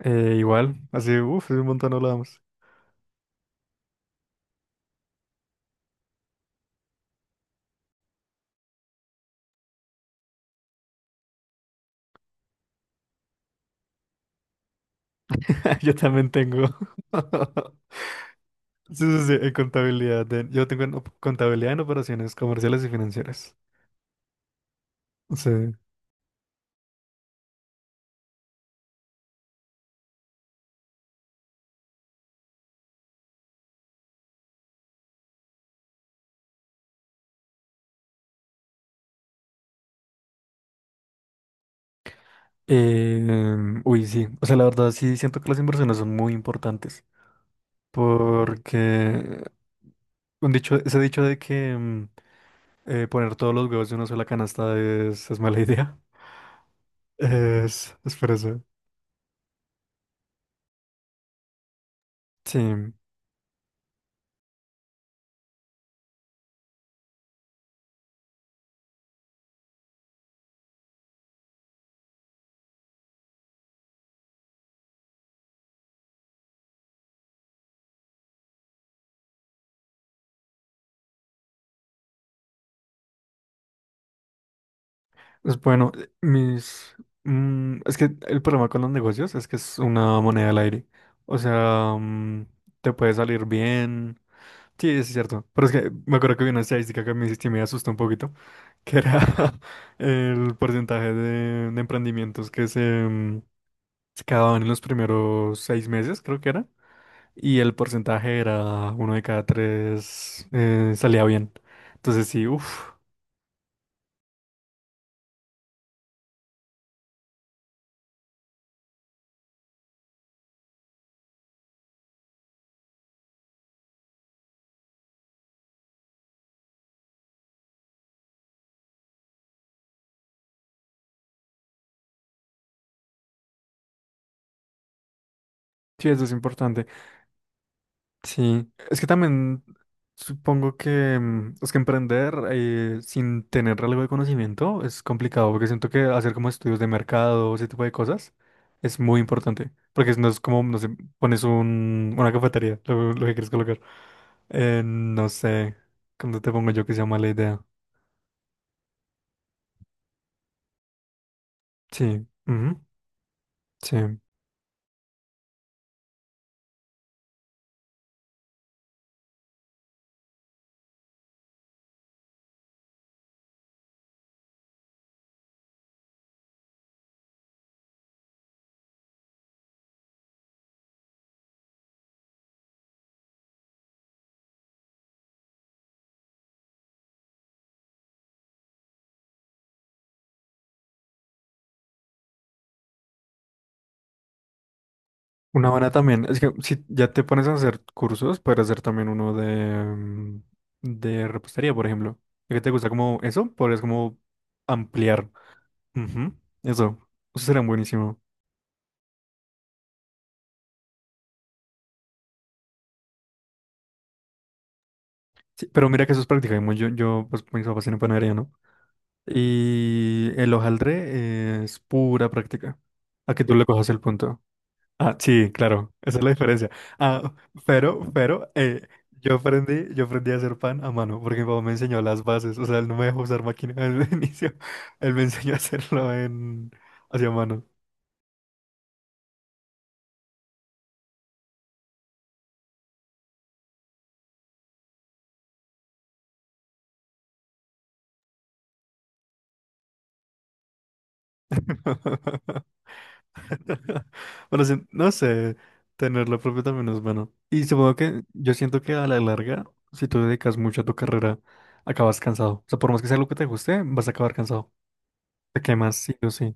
Igual, así, uff, hace un montón no hablábamos. Yo también tengo. Sí, sí, sí, en contabilidad. Yo tengo en contabilidad en operaciones comerciales y financieras. Sí. Uy, sí. O sea, la verdad, sí siento que las inversiones son muy importantes. Porque un dicho, ese dicho de que poner todos los huevos en una sola canasta es mala idea. Es por eso. Sí. Pues bueno, mis... Es que el problema con los negocios es que es una moneda al aire. O sea, mm, te puede salir bien. Sí, es cierto. Pero es que me acuerdo que vi una estadística que me asustó un poquito, que era el porcentaje de emprendimientos se acababan en los primeros seis meses, creo que era. Y el porcentaje era uno de cada tres salía bien. Entonces sí, uff. Sí, eso es importante. Sí, es que también supongo que mm, es que emprender sin tener algo de conocimiento es complicado, porque siento que hacer como estudios de mercado, ese tipo de cosas, es muy importante, porque no es como, no sé, pones un, una cafetería, lo que quieres colocar. No sé, ¿cómo te pongo yo que sea mala idea? Sí, ujú, sí. Una buena también, es que si ya te pones a hacer cursos, puedes hacer también uno de, mm, de repostería, por ejemplo. ¿Y que te gusta como eso? Podrías como ampliar. Ujú. Eso, eso sería buenísimo. Sí, pero mira que eso es practicamos. Yo, pues mis papás tienen panadería, ¿no? Y el hojaldre es pura práctica. A que tú le cojas el punto. Ah, sí, claro, esa es la diferencia. Ah, pero, yo aprendí a hacer pan a mano, porque mi papá me enseñó las bases, o sea, él no me dejó usar máquina al inicio, él me enseñó a hacerlo en, hacia mano. Bueno, sí, no sé, tenerlo propio también es bueno. Y supongo que yo siento que a la larga, si tú dedicas mucho a tu carrera, acabas cansado. O sea, por más que sea lo que te guste, vas a acabar cansado. Te quemas sí o sí.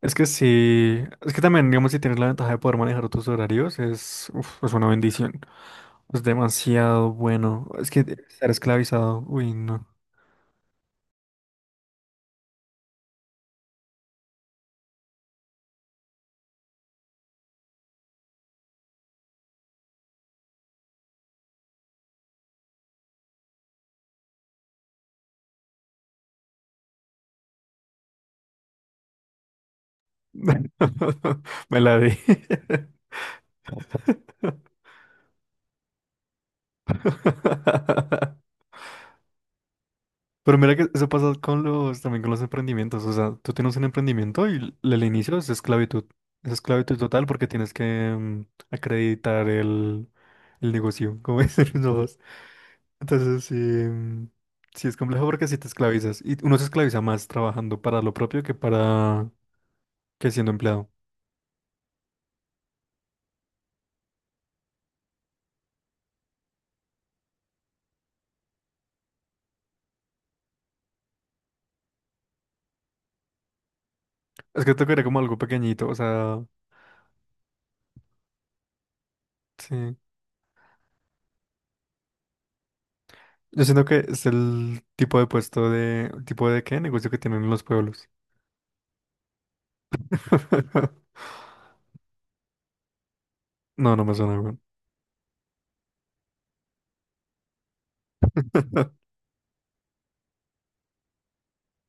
Es que sí, es que también, digamos, si tienes la ventaja de poder manejar tus horarios, es, uf, es una bendición. Es demasiado bueno. Es que estar esclavizado, uy, no. Me la di. Pero mira que eso pasa con los, también con los emprendimientos. O sea, tú tienes un emprendimiento y el inicio es esclavitud. Es esclavitud total porque tienes que mm, acreditar el negocio, como dicen los. Entonces sí, mm, sí es complejo porque si te esclavizas y uno se esclaviza más trabajando para lo propio que para que siendo empleado. Es que tocaría como algo pequeñito, o sea, sí. Yo siento que es el tipo de puesto de, tipo de qué negocio que tienen en los pueblos. No, no me suena, weón.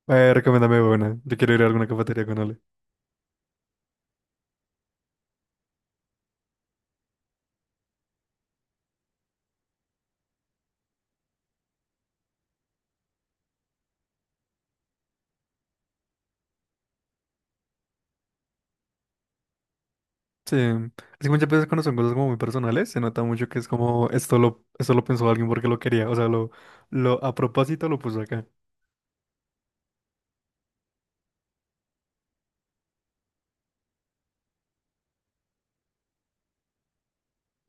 Recomiéndame buena. Yo quiero ir a alguna cafetería con Ale. Sí. Así que muchas veces cuando son cosas como muy personales, se nota mucho que es como esto lo pensó alguien porque lo quería. O sea, lo a propósito lo puso acá.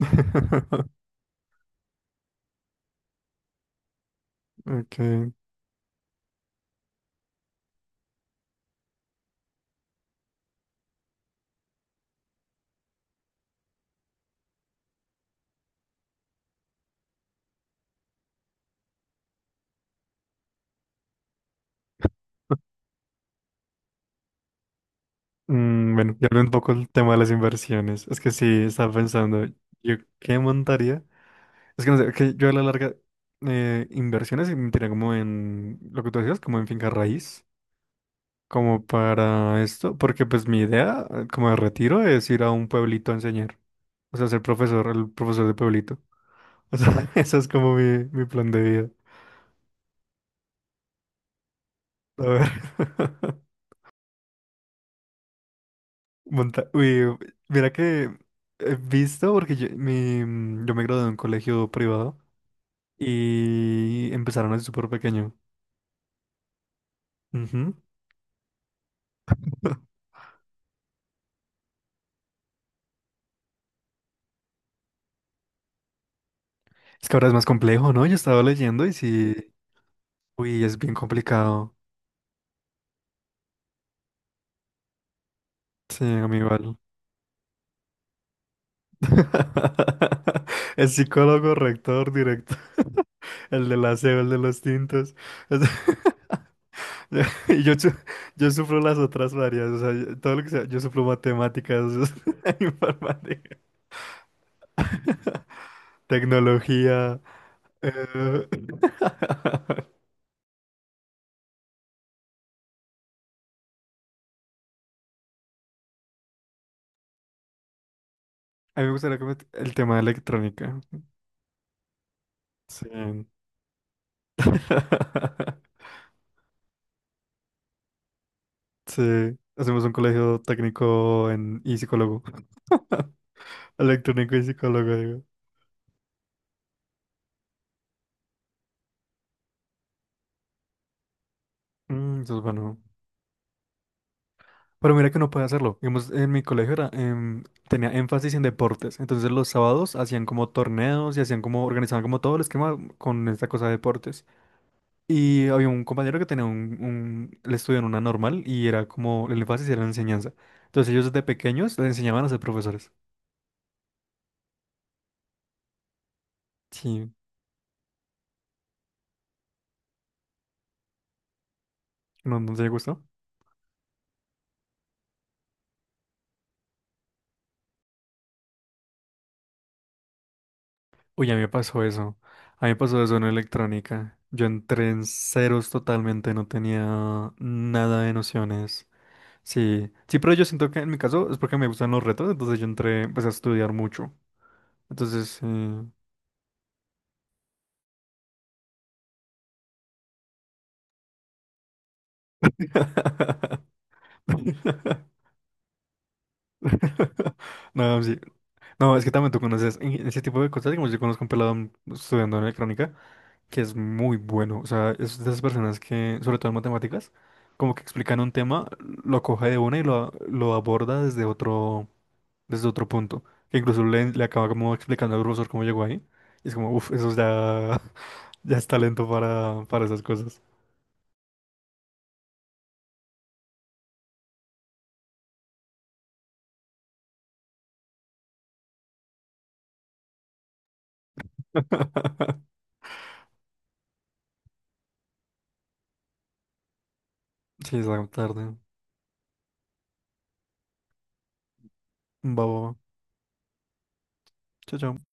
Ok. Mm, bueno, y hablé un poco del tema de las inversiones. Es que sí, estaba pensando, ¿yo qué montaría? Es que no sé, que yo a la larga inversiones invertiría como en lo que tú decías, como en finca raíz, como para esto, porque pues mi idea como de retiro es ir a un pueblito a enseñar. O sea, ser profesor, el profesor de pueblito. O sea, eso es como mi plan de vida. A ver. Uy, mira que he visto, porque yo, mi, mm, yo me gradué de un colegio privado y empezaron así súper pequeño. Ujú. Es que ahora es más complejo, ¿no? Yo estaba leyendo y sí, uy, es bien complicado. Sí, a mí igual. El psicólogo, rector, director, el del aseo, el de los tintos. Y yo, yo sufro las otras varias, o sea, todo lo que sea, yo sufro matemáticas, informática. Tecnología. Eh, a mí me gustaría el tema de electrónica. Sí. Sí. Hacemos un colegio técnico en... y psicólogo. Electrónico y psicólogo, digo. Mm, eso es bueno. Pero mira que no puede hacerlo. Digamos, en mi colegio era, em, tenía énfasis en deportes. Entonces los sábados hacían como torneos y hacían como, organizaban como todo el esquema con esta cosa de deportes. Y había un compañero que tenía un, él estudió en una normal y era como, el énfasis era la enseñanza. Entonces ellos desde pequeños les enseñaban a ser profesores. Sí, ¿no, no te gustó? Uy, a mí me pasó eso. A mí me pasó eso en electrónica. Yo entré en ceros totalmente, no tenía nada de nociones. Sí, sí, pero yo siento que en mi caso es porque me gustan los retos, entonces yo entré, empecé a estudiar mucho. Entonces, sí. No, sí. No, es que también tú conoces en ese tipo de cosas, digamos, yo conozco un pelado estudiando en electrónica que es muy bueno, o sea, es de esas personas que, sobre todo en matemáticas, como que explican un tema, lo coge de una y lo aborda desde otro punto, que incluso le acaba como explicando al profesor cómo llegó ahí, y es como, uff, eso ya, ya es talento para esas cosas. Sí, es tarde, babo, chao, chao.